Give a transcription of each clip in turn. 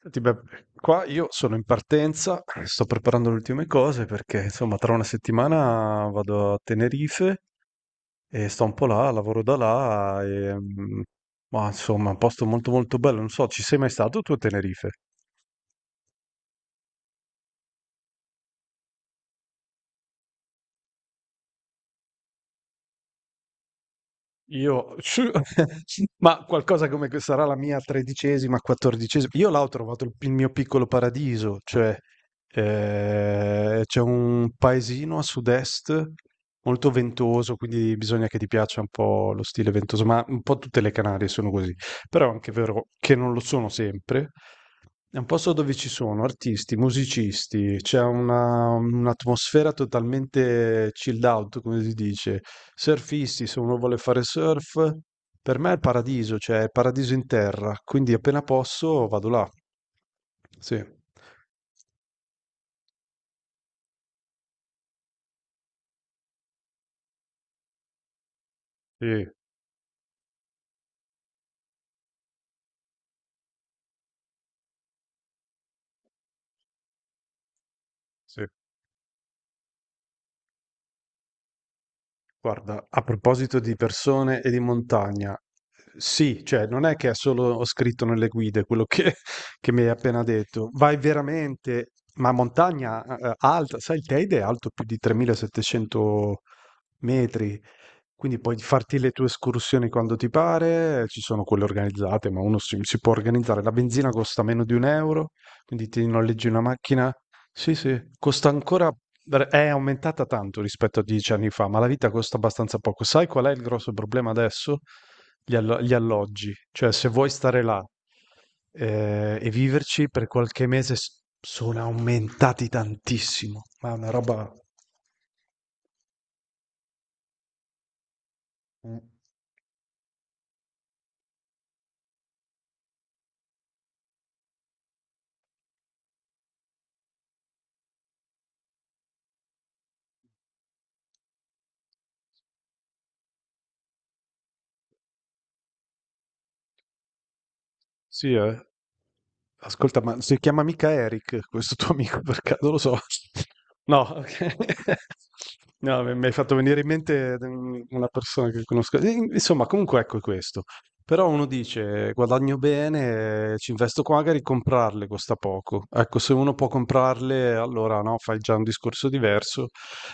Senti, beh, qua io sono in partenza, sto preparando le ultime cose perché insomma tra una settimana vado a Tenerife e sto un po' là, lavoro da là e, ma insomma è un posto molto molto bello, non so, ci sei mai stato tu a Tenerife? Io ma qualcosa come che sarà la mia 13ª, 14ª. Io là ho trovato il mio piccolo paradiso, cioè c'è un paesino a sud-est molto ventoso, quindi bisogna che ti piaccia un po' lo stile ventoso, ma un po' tutte le Canarie sono così. Però è anche vero che non lo sono sempre. È un posto dove ci sono artisti, musicisti, c'è un'atmosfera totalmente chilled out, come si dice, surfisti, se uno vuole fare surf, per me è il paradiso, cioè è paradiso in terra, quindi appena posso vado là. Sì, sì, sì. Guarda, a proposito di persone e di montagna, sì, cioè non è che è solo scritto nelle guide quello che, che mi hai appena detto, vai veramente, ma montagna alta, sai, il Teide è alto più di 3700 metri, quindi puoi farti le tue escursioni quando ti pare, ci sono quelle organizzate, ma uno si può organizzare. La benzina costa meno di 1 euro, quindi ti noleggi una macchina. Sì, sì, costa ancora, è aumentata tanto rispetto a 10 anni fa, ma la vita costa abbastanza poco. Sai qual è il grosso problema adesso? Gli alloggi. Cioè, se vuoi stare là e viverci per qualche mese, sono aumentati tantissimo, ma è una roba... Sì, eh. Ascolta, ma si chiama mica Eric questo tuo amico per caso? Lo so. No, ok. No, mi hai fatto venire in mente una persona che conosco. Insomma, comunque ecco questo. Però uno dice, guadagno bene, ci investo qua, magari comprarle costa poco. Ecco, se uno può comprarle, allora no, fai già un discorso diverso.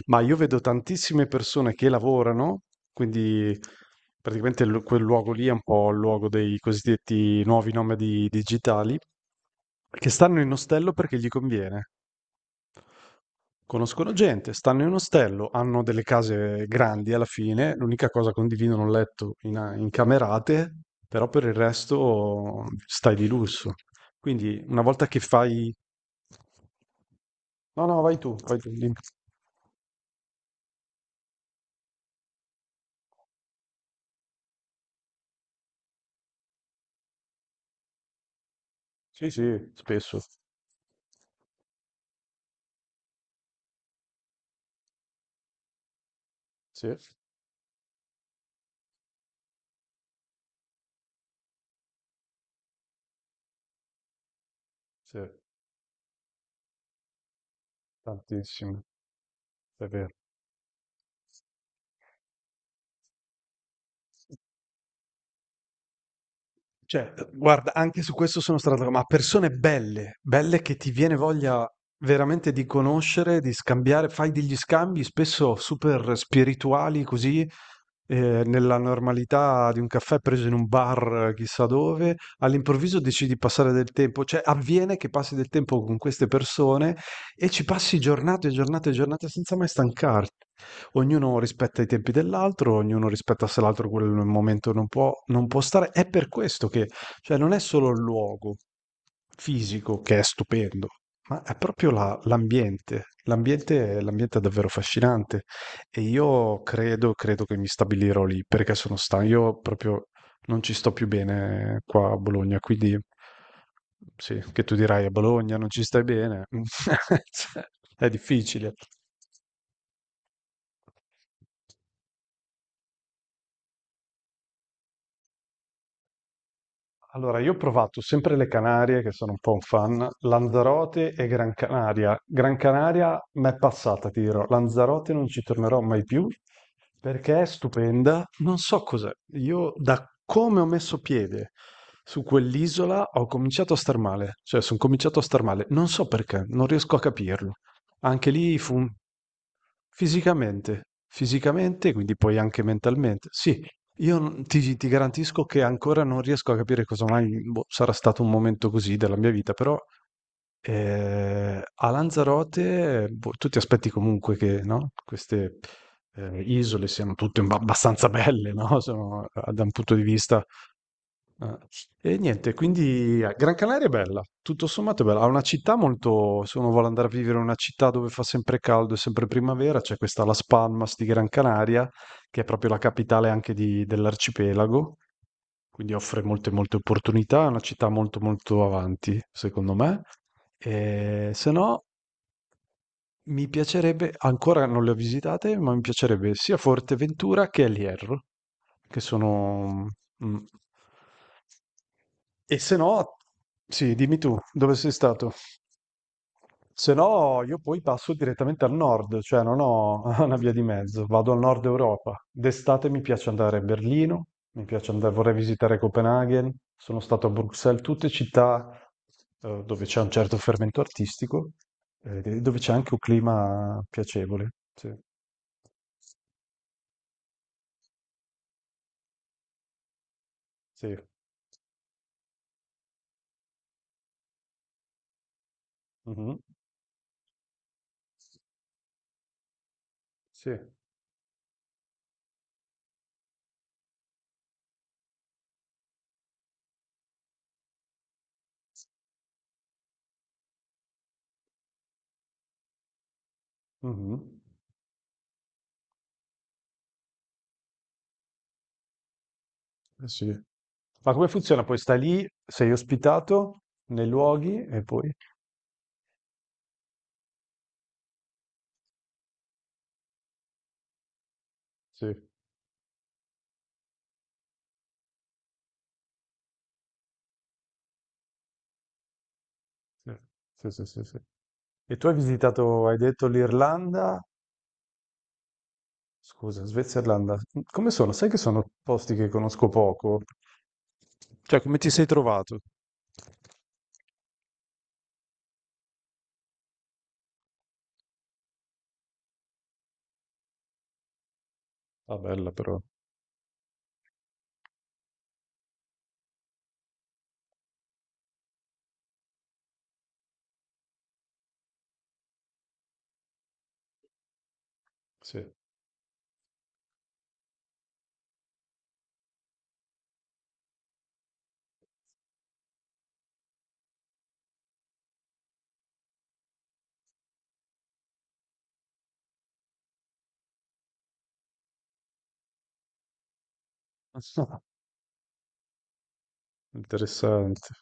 Ma io vedo tantissime persone che lavorano, quindi praticamente quel luogo lì è un po' il luogo dei cosiddetti nuovi nomadi digitali, che stanno in ostello perché gli conviene. Conoscono gente, stanno in ostello, hanno delle case grandi alla fine, l'unica cosa condividono un letto in camerate, però per il resto stai di lusso. Quindi una volta che fai... No, no, vai tu, vai tu. Dimmi. Sì, sì, spesso. Sì, sì, tantissimo, è vero. Cioè, guarda, anche su questo sono stato, ma persone belle, belle che ti viene voglia veramente di conoscere, di scambiare, fai degli scambi spesso super spirituali così, nella normalità di un caffè preso in un bar chissà dove, all'improvviso decidi di passare del tempo, cioè avviene che passi del tempo con queste persone e ci passi giornate e giornate e giornate senza mai stancarti. Ognuno rispetta i tempi dell'altro, ognuno rispetta se l'altro quel momento non può, non può stare. È per questo che, cioè, non è solo il luogo fisico che è stupendo, ma è proprio l'ambiente. L'ambiente, l'ambiente è davvero affascinante e io credo che mi stabilirò lì perché sono stanco. Io proprio non ci sto più bene qua a Bologna, quindi sì, che tu dirai a Bologna non ci stai bene, cioè, è difficile. Allora, io ho provato sempre le Canarie, che sono un po' un fan, Lanzarote e Gran Canaria. Gran Canaria m'è passata, ti dirò. Lanzarote non ci tornerò mai più perché è stupenda. Non so cos'è. Io, da come ho messo piede su quell'isola, ho cominciato a star male. Cioè, sono cominciato a star male. Non so perché, non riesco a capirlo. Anche lì fu fisicamente, fisicamente, quindi poi anche mentalmente. Sì, io n ti ti garantisco che ancora non riesco a capire cosa mai boh, sarà stato un momento così della mia vita, però, a Lanzarote, boh, tu ti aspetti comunque che, no, queste, isole siano tutte un abbastanza belle, no, sono da un punto di vista Ah. E niente, quindi Gran Canaria è bella, tutto sommato è bella. Ha una città molto. Se uno vuole andare a vivere in una città dove fa sempre caldo e sempre primavera, c'è questa Las Palmas di Gran Canaria, che è proprio la capitale anche dell'arcipelago, quindi offre molte, molte opportunità. È una città molto, molto avanti, secondo me. E se no. Mi piacerebbe ancora non le ho visitate, ma mi piacerebbe sia Forteventura che El Hierro, che sono mh. E se no, sì, dimmi tu, dove sei stato? Se no, io poi passo direttamente al nord, cioè non ho una via di mezzo, vado al nord Europa. D'estate mi piace andare a Berlino, mi piace andare, vorrei visitare Copenaghen, sono stato a Bruxelles, tutte città dove c'è un certo fermento artistico, e dove c'è anche un clima piacevole. Sì, sì. Mhm. Sì. Mhm. Eh sì. Ma come funziona? Poi stai lì, sei ospitato nei luoghi e poi... Sì. Sì, sì, sì, sì, sì. E tu hai visitato, hai detto l'Irlanda, scusa, Svezia e Irlanda. Come sono? Sai che sono posti che conosco poco? Cioè, come ti sei trovato? Ah, bella però. Sì. Ah, interessante.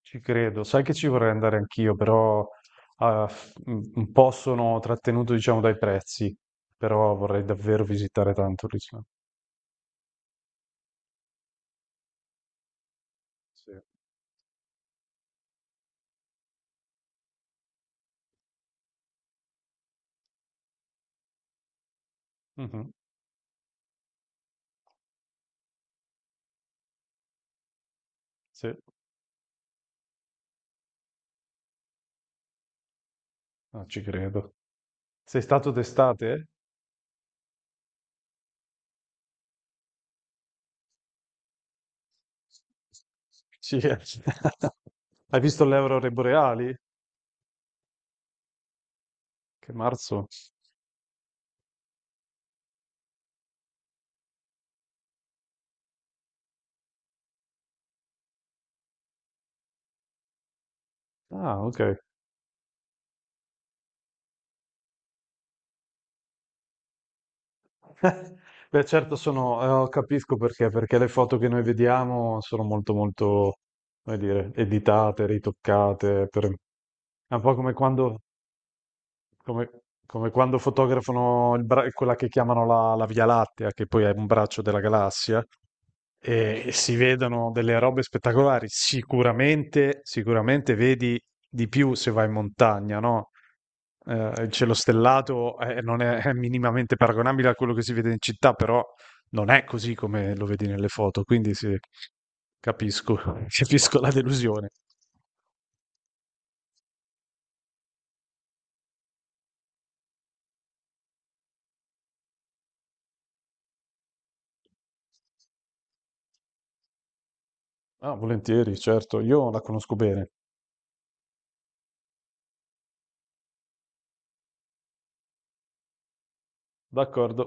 Ci credo. Sai che ci vorrei andare anch'io, però ah, un po' sono trattenuto, diciamo, dai prezzi, però vorrei davvero visitare tanto l'Islanda. Sì. Mhm, sì. Ah, ci credo. Sei stato d'estate? Sì, eh. Hai visto le aurore boreali? Che marzo? Ah, ok. Beh, certo sono, capisco perché, perché le foto che noi vediamo sono molto, molto, come dire, editate, ritoccate. È un po' come quando Come, come quando fotografano il quella che chiamano la Via Lattea, che poi è un braccio della galassia, e si vedono delle robe spettacolari. Sicuramente, sicuramente vedi di più se vai in montagna, no? Il cielo stellato non è minimamente paragonabile a quello che si vede in città, però non è così come lo vedi nelle foto, quindi sì, capisco, capisco la delusione. Ah, volentieri, certo, io la conosco bene. D'accordo.